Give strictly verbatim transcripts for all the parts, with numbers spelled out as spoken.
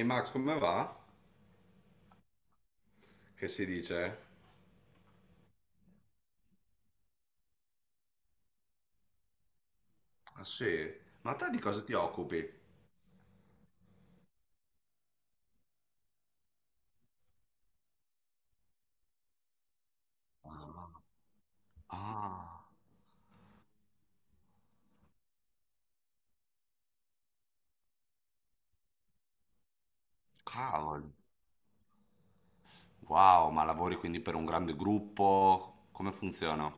Ehi Max, come va? Che si dice? Ah sì, ma te di cosa ti occupi? Ah, ah, cavolo. Wow, ma lavori quindi per un grande gruppo? Come funziona?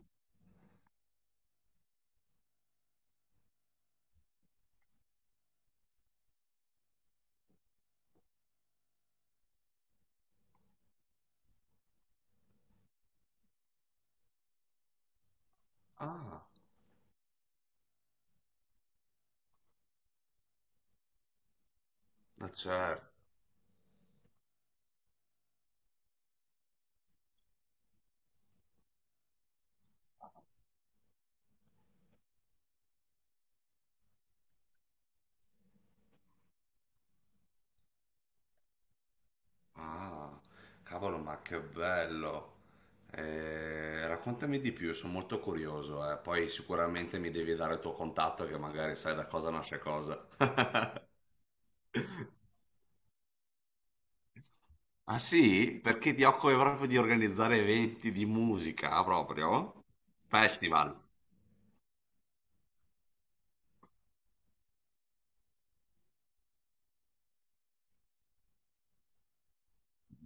Ah, ma certo. Ah, cavolo, ma che bello. Eh, raccontami di più, sono molto curioso, eh. Poi sicuramente mi devi dare il tuo contatto che magari sai da cosa nasce cosa. Ah sì? Perché ti occupi proprio di organizzare eventi di musica, proprio? Festival.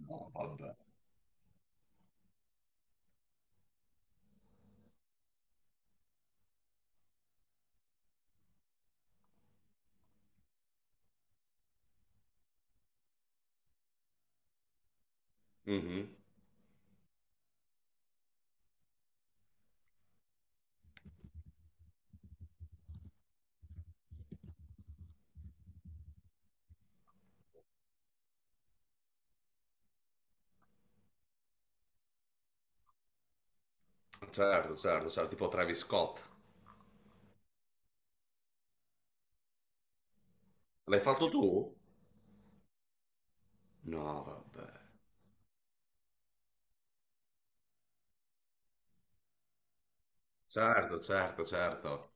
No, vabbè. Mhm. Certo, certo, certo, tipo Travis Scott. L'hai fatto tu? No, vabbè. Certo, certo, certo.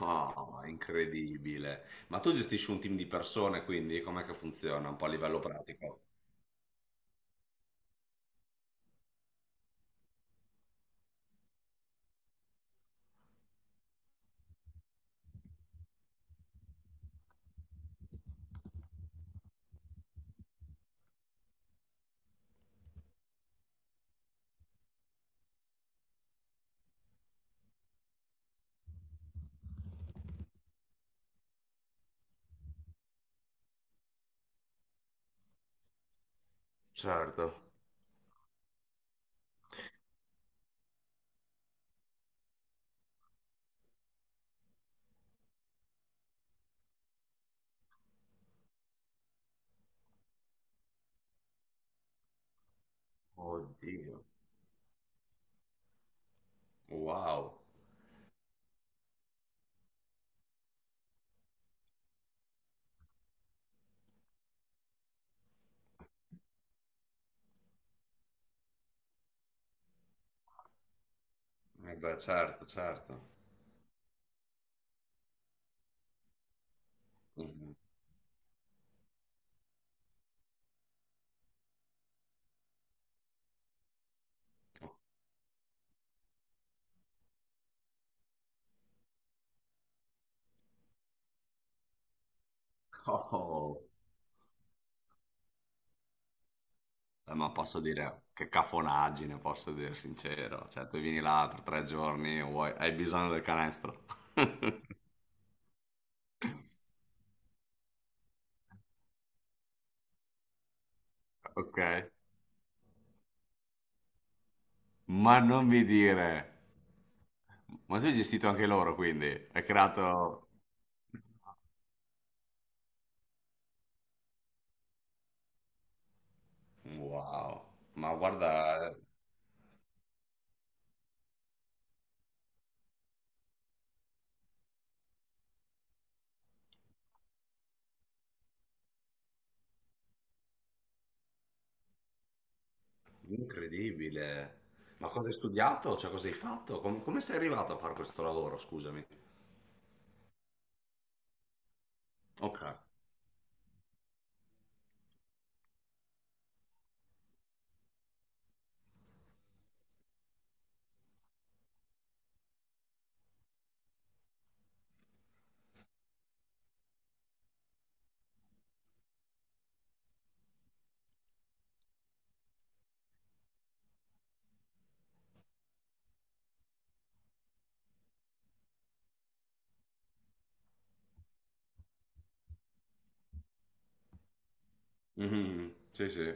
No, è incredibile. Ma tu gestisci un team di persone, quindi com'è che funziona un po' a livello pratico? Certo. Oddio. Wow. Eh beh, certo, certo. Mhm. Oh, eh, ma posso dire che cafonaggine, posso dire sincero. Cioè, tu vieni là per tre giorni, vuoi hai bisogno del canestro. Ok? Ma non mi dire. Ma tu hai gestito anche loro, quindi hai creato. Wow, ma guarda, incredibile. Ma cosa hai studiato? Cioè, cosa hai fatto? Com- come sei arrivato a fare questo lavoro, scusami? Ok. Mhm. Sì, sì.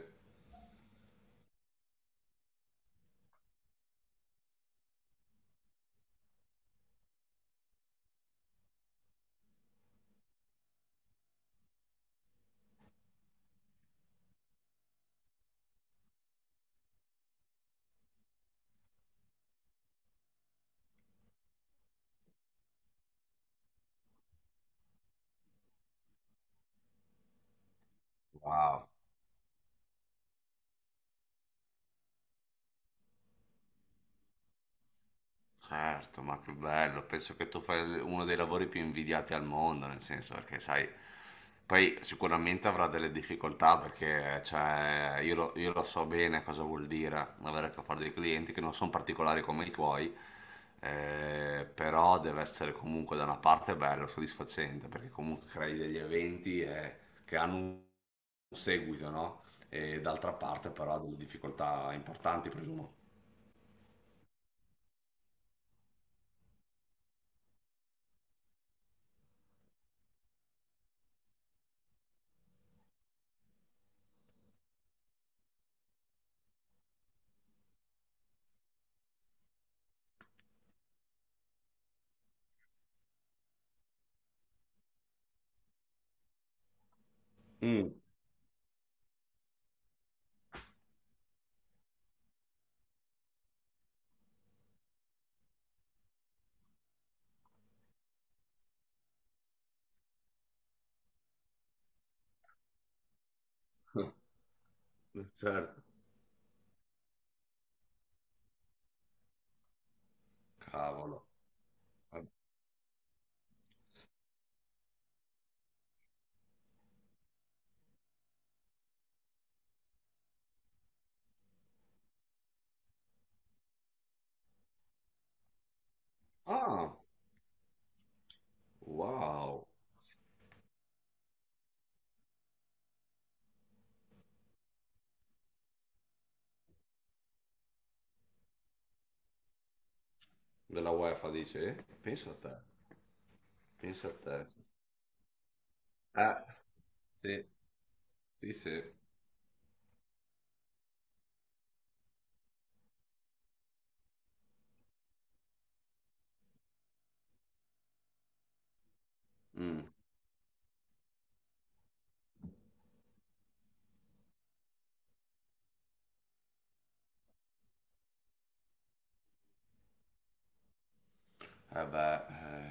Wow. Certo, ma che bello, penso che tu fai il- uno dei lavori più invidiati al mondo, nel senso perché sai, poi sicuramente avrà delle difficoltà perché cioè, io, lo, io lo so bene cosa vuol dire avere a che fare dei clienti che non sono particolari come i tuoi, eh, però deve essere comunque da una parte bello, soddisfacente, perché comunque crei degli eventi eh, che hanno un seguito, no? E d'altra parte però ha delle difficoltà importanti, presumo. Mm, certo. Cavolo. Ah, wow. Della UEFA dice? Pensa a te. Pensa a te. Eh, sì, sì, sì. Mm. Eh beh,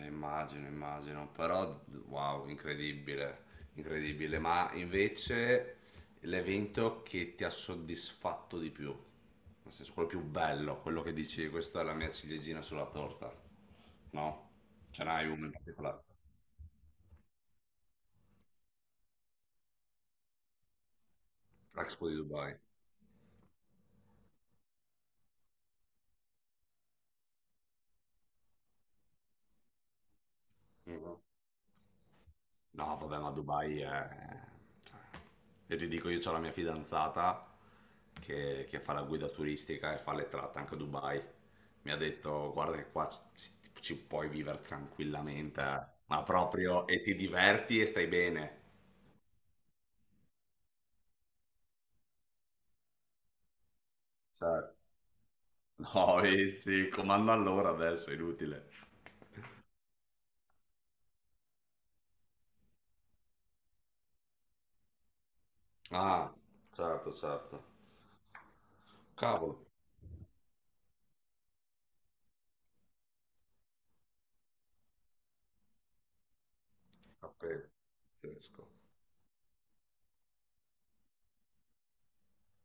eh, immagino, immagino. Però, wow, incredibile. Incredibile. Ma invece l'evento che ti ha soddisfatto di più? Nel senso, quello più bello, quello che dici, questa è la mia ciliegina sulla torta. No? Ce n'hai uno in particolare? L'Expo di Dubai. Mm-hmm. No, vabbè, ma Dubai è cioè, io ti dico, io ho la mia fidanzata che, che fa la guida turistica e fa le tratte anche a Dubai. Mi ha detto, guarda che qua ci, ci puoi vivere tranquillamente, eh. Ma proprio, e ti diverti e stai bene. Cioè, no, eh sì, comando allora adesso, è inutile. Ah, certo, certo. Cavolo, appeso. Pazzesco.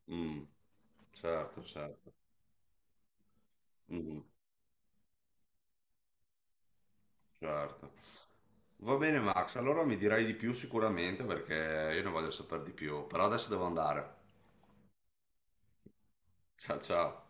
Mm, certo, certo. Mhm. Certo. Va bene Max, allora mi dirai di più sicuramente perché io ne voglio sapere di più, però adesso devo andare. Ciao ciao.